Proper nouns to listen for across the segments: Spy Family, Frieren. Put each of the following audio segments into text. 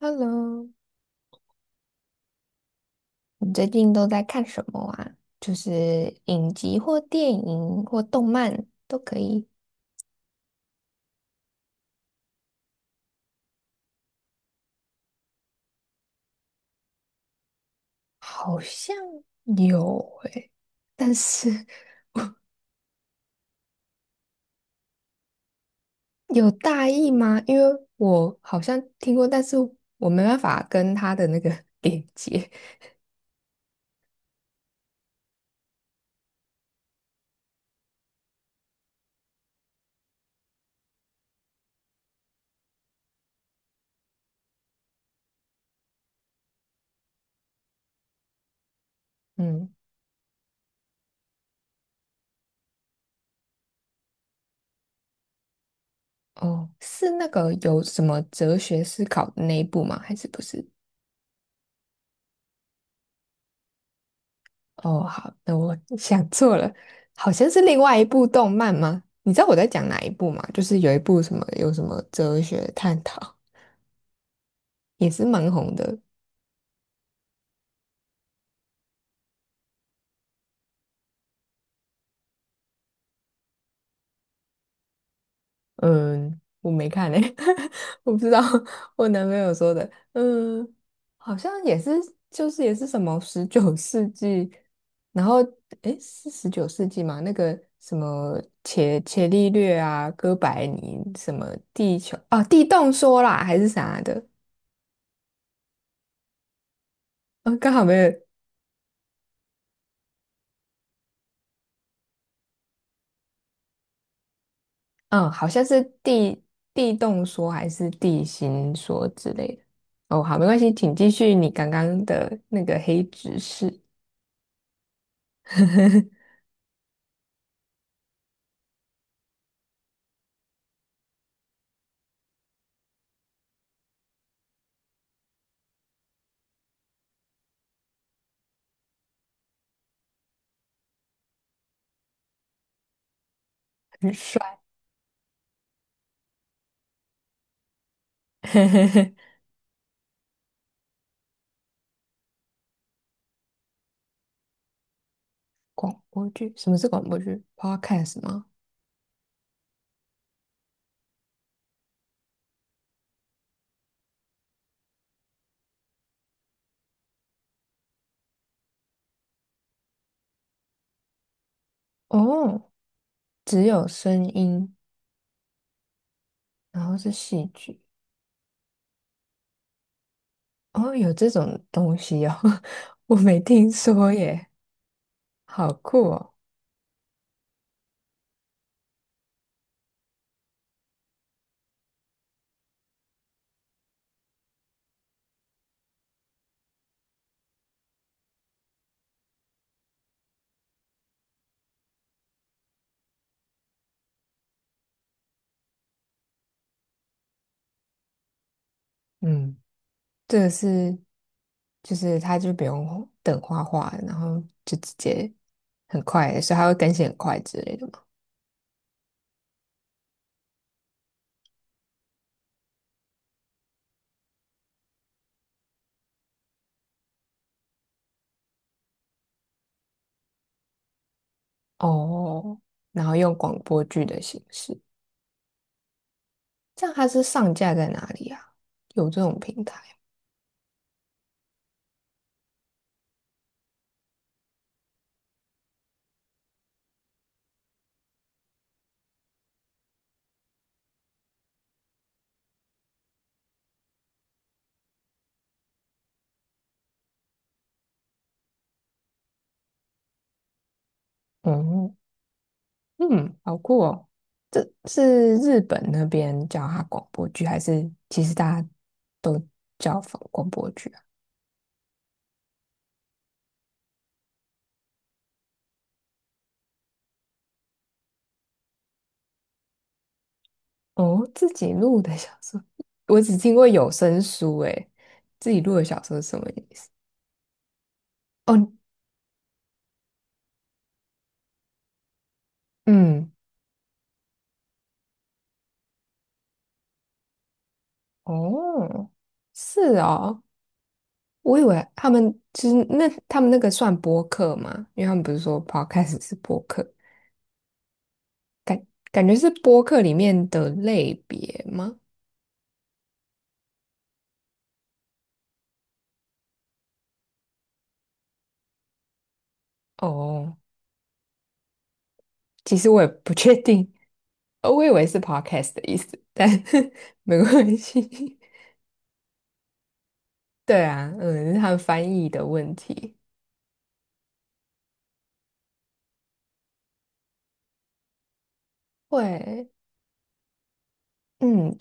Hello，你最近都在看什么啊？就是影集或电影或动漫都可以。好像有诶、但是 有大意吗？因为我好像听过，但是我没办法跟他的那个 连接。嗯，哦，是那个有什么哲学思考的那一部吗？还是不是？哦，好那我想错了，好像是另外一部动漫吗？你知道我在讲哪一部吗？就是有一部什么有什么哲学探讨，也是蛮红的。嗯，我没看诶、我不知道我男朋友说的。嗯，好像也是，就是也是什么十九世纪，然后诶，是十九世纪吗？那个什么伽利略啊，哥白尼什么地球啊，地动说啦，还是啥的？啊，刚好没有，嗯，好像是地动说还是地心说之类的。哦，好，没关系，请继续你刚刚的那个黑执事，很帅。广播剧，什么是广播剧？Podcast 吗？哦，只有声音，然后是戏剧。哦，有这种东西哦，我没听说耶，好酷哦。嗯。这个是就是他就不用等画画，然后就直接很快，所以他会更新很快之类的嘛。哦，然后用广播剧的形式，这样它是上架在哪里啊？有这种平台？嗯嗯，好酷哦！这是日本那边叫它广播剧，还是其实大家都叫广播剧啊？哦，自己录的小说，我只听过有声书，诶，自己录的小说是什么意思？哦，嗯，哦，是哦，我以为他们就是那他们那个算播客吗？因为他们不是说 podcast 是播客，感感觉是播客里面的类别吗？哦，其实我也不确定，我以为是 podcast 的意思，但 没关系。对啊，嗯，是他们翻译的问题。会，嗯，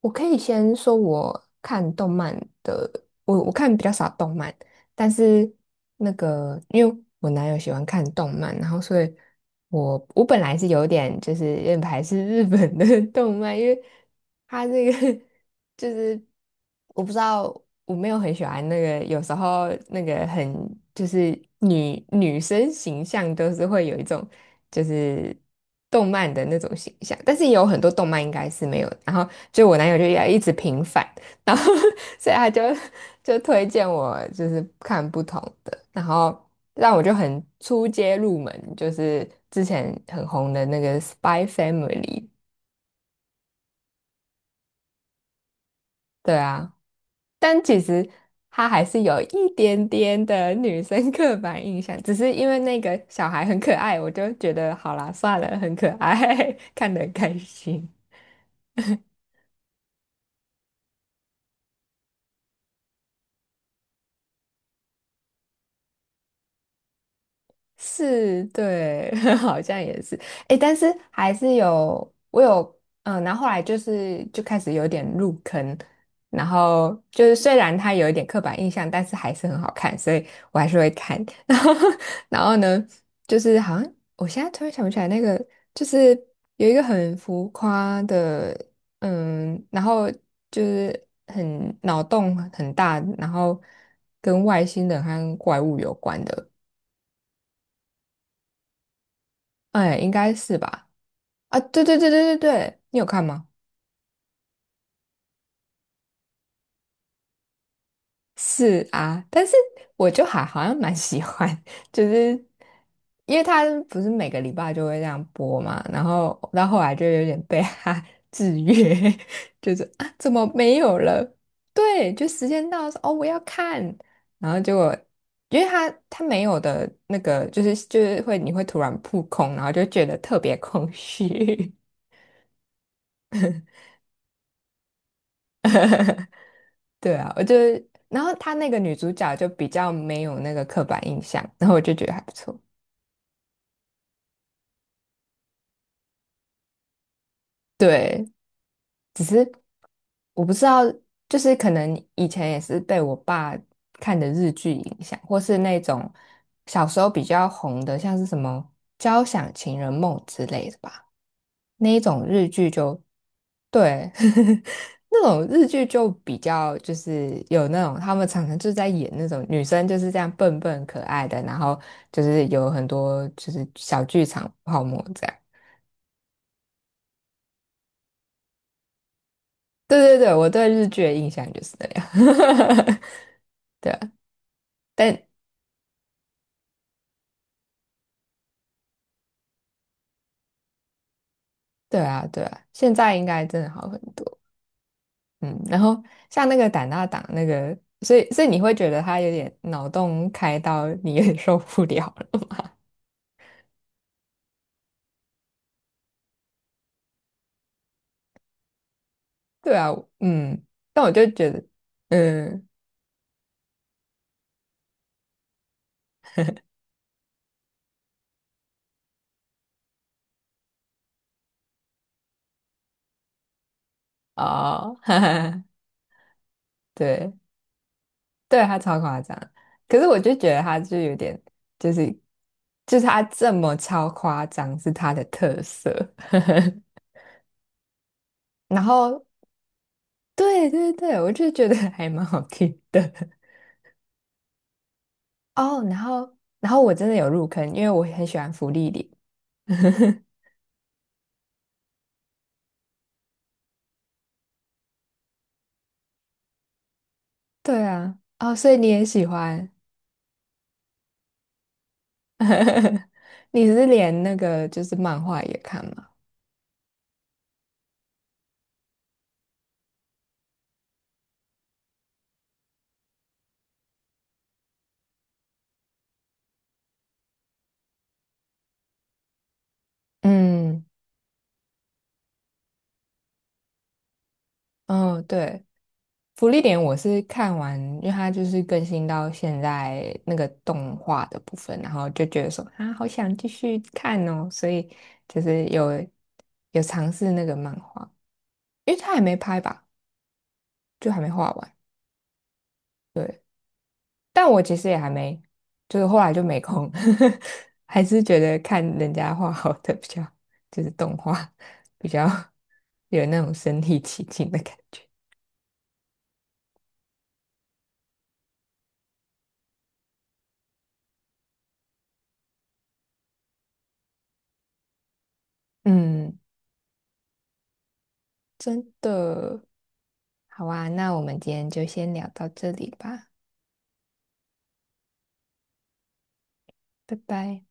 我可以先说我看动漫的，我看比较少动漫。但是那个，因为我男友喜欢看动漫，然后所以我本来是有点就是有点排斥日本的 动漫，因为他这个 就是我不知道，我没有很喜欢那个，有时候那个很就是女生形象都是会有一种就是动漫的那种形象，但是也有很多动漫应该是没有的然后就我男友就要一直平反。然后 所以他就推荐我就是看不同的，然后让我就很出街入门，就是之前很红的那个《Spy Family》，对啊，但其实他还是有一点点的女生刻板印象，只是因为那个小孩很可爱，我就觉得好啦，算了，很可爱，看得很开心。是，对，好像也是，诶，但是还是有，我有，嗯，然后后来就是就开始有点入坑，然后就是虽然它有一点刻板印象，但是还是很好看，所以我还是会看。然后，然后呢，就是好像我现在突然想不起来那个，就是有一个很浮夸的，嗯，然后就是很脑洞很大，然后跟外星人和怪物有关的。哎，应该是吧？啊，对对对对对对，你有看吗？是啊，但是我就还好像蛮喜欢，就是因为他不是每个礼拜就会这样播嘛，然后到后来就有点被他 制约，就是啊，怎么没有了？对，就时间到说哦，我要看，然后结果因为他没有的那个，就是会你会突然扑空，然后就觉得特别空虚。对啊，我就，然后她那个女主角就比较没有那个刻板印象，然后我就觉得还不错。对，我不知道，就是可能以前也是被我爸看的日剧影响，或是那种小时候比较红的，像是什么《交响情人梦》之类的吧，那一种日剧就对，那种日剧就比较就是有那种他们常常就是在演那种女生就是这样笨笨可爱的，然后就是有很多就是小剧场泡沫这样。对对对，我对日剧的印象就是那样。对啊，但对啊，现在应该真的好很多。嗯，然后像那个胆大党那个，所以你会觉得他有点脑洞开到你有点受不了了。对啊，嗯，但我就觉得。嗯，哦，哈哈，对，对他超夸张，可是我就觉得他就有点，就是就是他这么超夸张是他的特色，然后对对对，我就觉得还蛮好听的 哦，然后我真的有入坑，因为我很喜欢芙莉莲，对啊，哦，所以你也喜欢，你是连那个就是漫画也看吗？嗯，哦，对。福利点我是看完，因为它就是更新到现在那个动画的部分，然后就觉得说啊，好想继续看哦，所以就是有尝试那个漫画，因为它还没拍吧，就还没画完。但我其实也还没，就是后来就没空，还是觉得看人家画好的比较，就是动画比较 有那种身临其境的感觉。嗯，真的。好啊，那我们今天就先聊到这里吧，拜拜。